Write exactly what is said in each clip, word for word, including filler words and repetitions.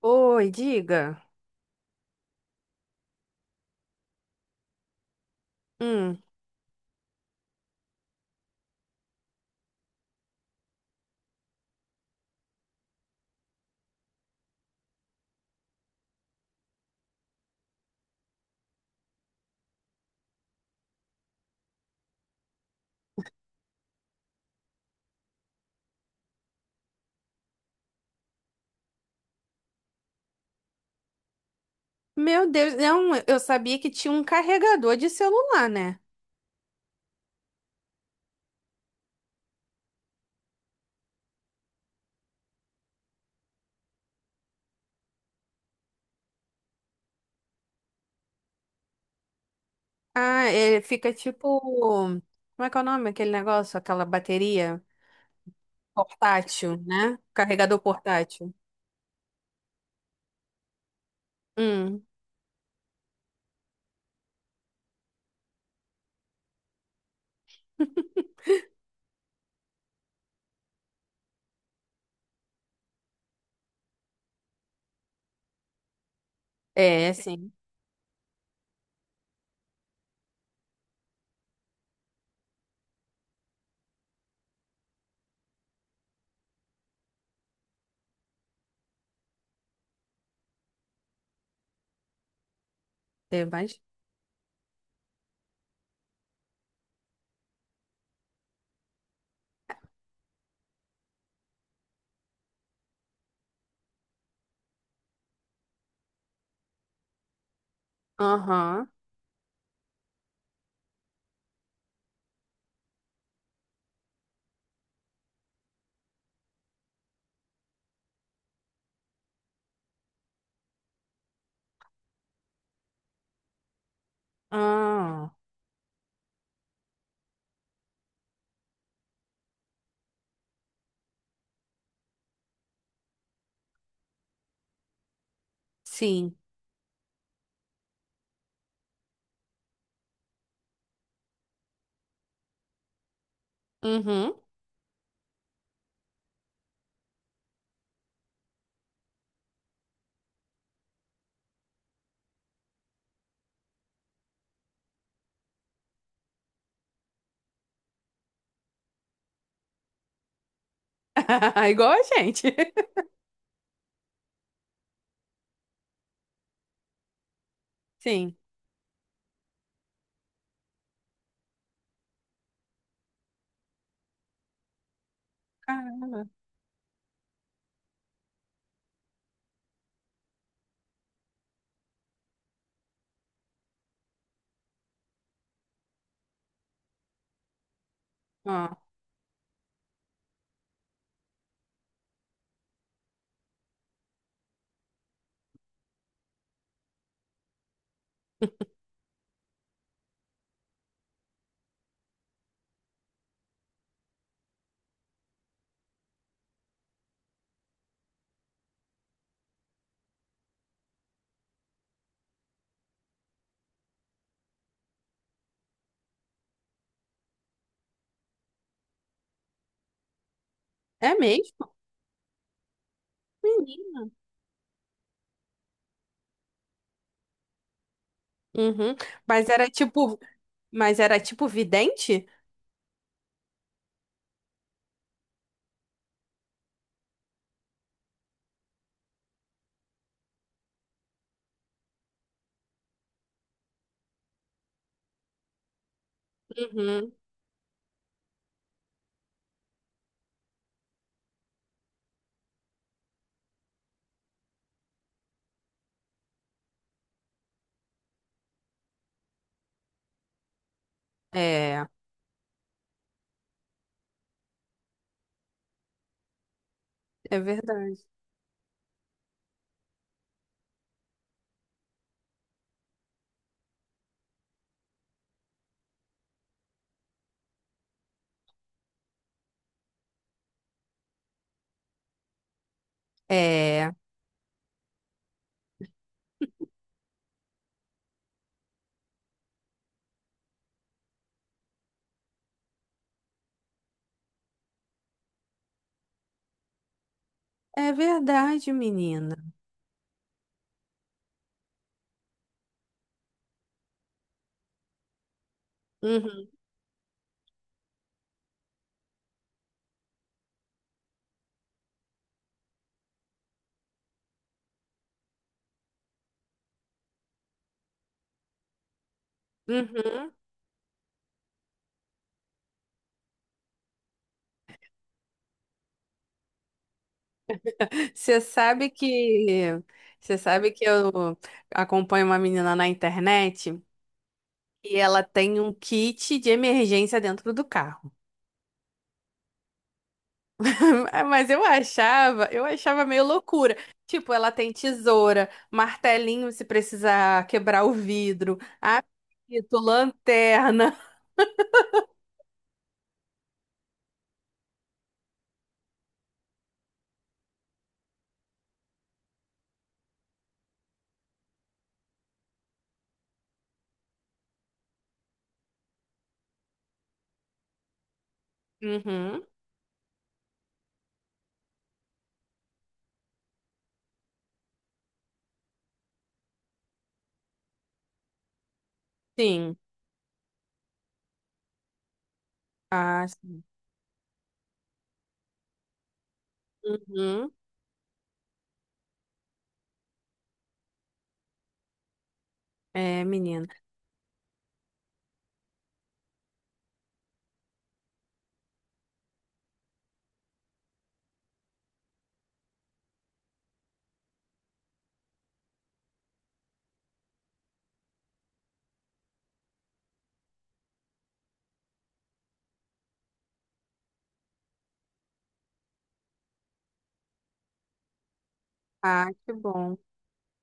Oi, diga. Hum. Meu Deus, não, eu sabia que tinha um carregador de celular, né? Ah, ele fica tipo. Como é que é o nome? Aquele negócio, aquela bateria portátil, né? Carregador portátil. Hum. É, sim. Tem mais? Aham. Ah, sim. Uhum. Igual a gente. Sim. Caramba. Ah, é mesmo? Menino. Uhum. Mas era tipo. Mas era tipo vidente? Uhum. É, é verdade. É, é verdade, menina. Uhum, uhum. Você sabe que você sabe que eu acompanho uma menina na internet e ela tem um kit de emergência dentro do carro. Mas eu achava, eu achava meio loucura. Tipo, ela tem tesoura, martelinho se precisar quebrar o vidro, apito, lanterna. Uhum, sim. Ah, sim. Uhum. É, menina. Ah, que bom.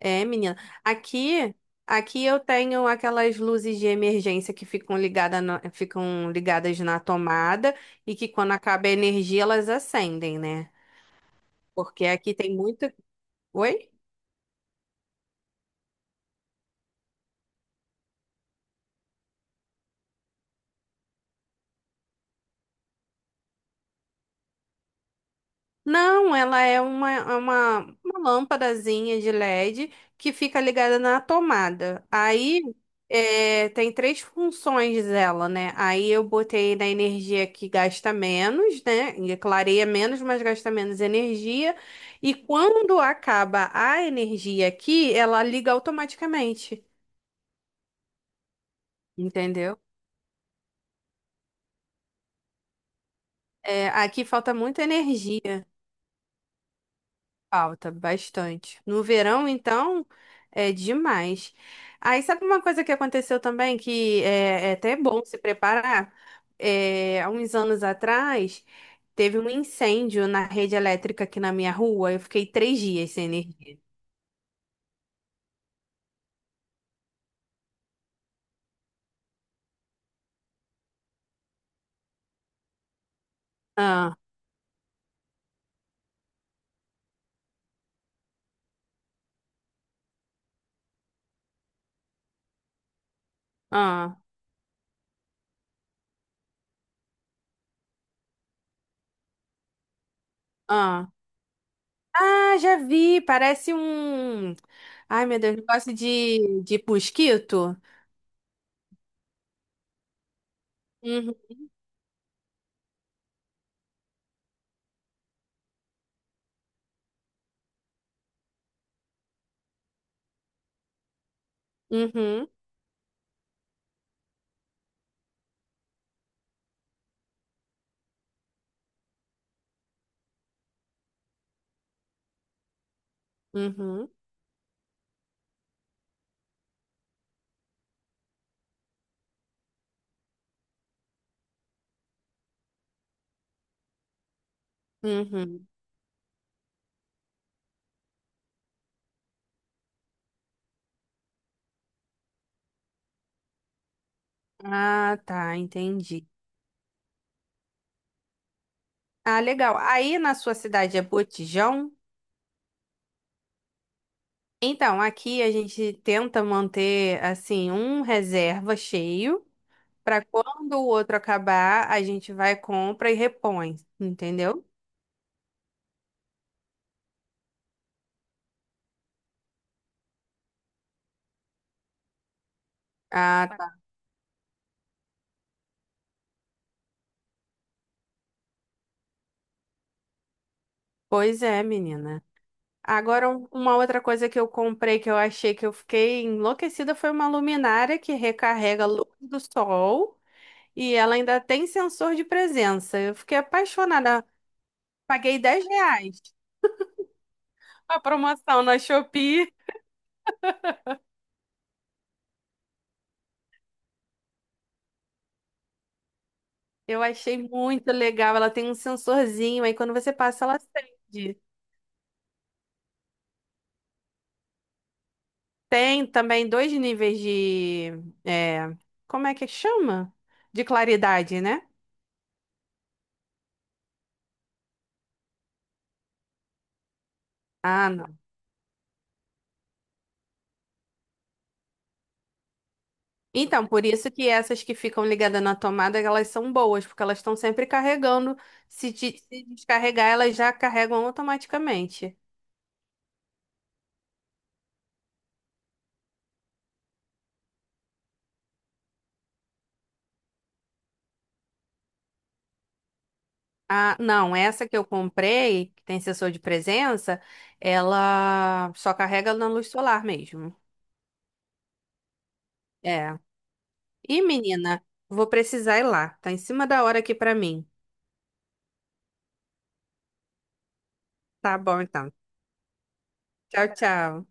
É, menina. Aqui, aqui eu tenho aquelas luzes de emergência que ficam ligada na- ficam ligadas na tomada e que quando acaba a energia elas acendem, né? Porque aqui tem muita. Oi? Não, ela é uma, é uma, uma lâmpadazinha de L E D que fica ligada na tomada. Aí é, tem três funções dela, né? Aí eu botei na energia que gasta menos, né? E clareia menos, mas gasta menos energia. E quando acaba a energia aqui, ela liga automaticamente, entendeu? É, aqui falta muita energia. Falta bastante. No verão, então, é demais. Aí, sabe uma coisa que aconteceu também, que é, é até bom se preparar? É, há uns anos atrás, teve um incêndio na rede elétrica aqui na minha rua. Eu fiquei três dias sem energia. Ah, ah, ah. Ah, já vi! Parece um. Ai, meu Deus, negócio de, de mosquito. Uhum, uhum, uhum, uhum. Ah, tá, entendi. Ah, legal. Aí na sua cidade é Botijão? Então, aqui a gente tenta manter assim um reserva cheio para quando o outro acabar, a gente vai, compra e repõe, entendeu? Ah, tá. Pois é, menina. Agora, um- uma outra coisa que eu comprei, que eu achei, que eu fiquei enlouquecida, foi uma luminária que recarrega a luz do sol e ela ainda tem sensor de presença. Eu fiquei apaixonada. Paguei dez reais. A promoção na Shopee. Eu achei muito legal. Ela tem um sensorzinho, aí quando você passa, ela acende. Tem também dois níveis de. É, como é que chama? De claridade, né? Ah, não. Então, por isso que essas que ficam ligadas na tomada, elas são boas, porque elas estão sempre carregando. Se, de- se descarregar, elas já carregam automaticamente. Ah, não, essa que eu comprei, que tem sensor de presença, ela só carrega na luz solar mesmo. É. E menina, vou precisar ir lá. Tá em cima da hora aqui pra mim. Tá bom, então. Tchau, tchau.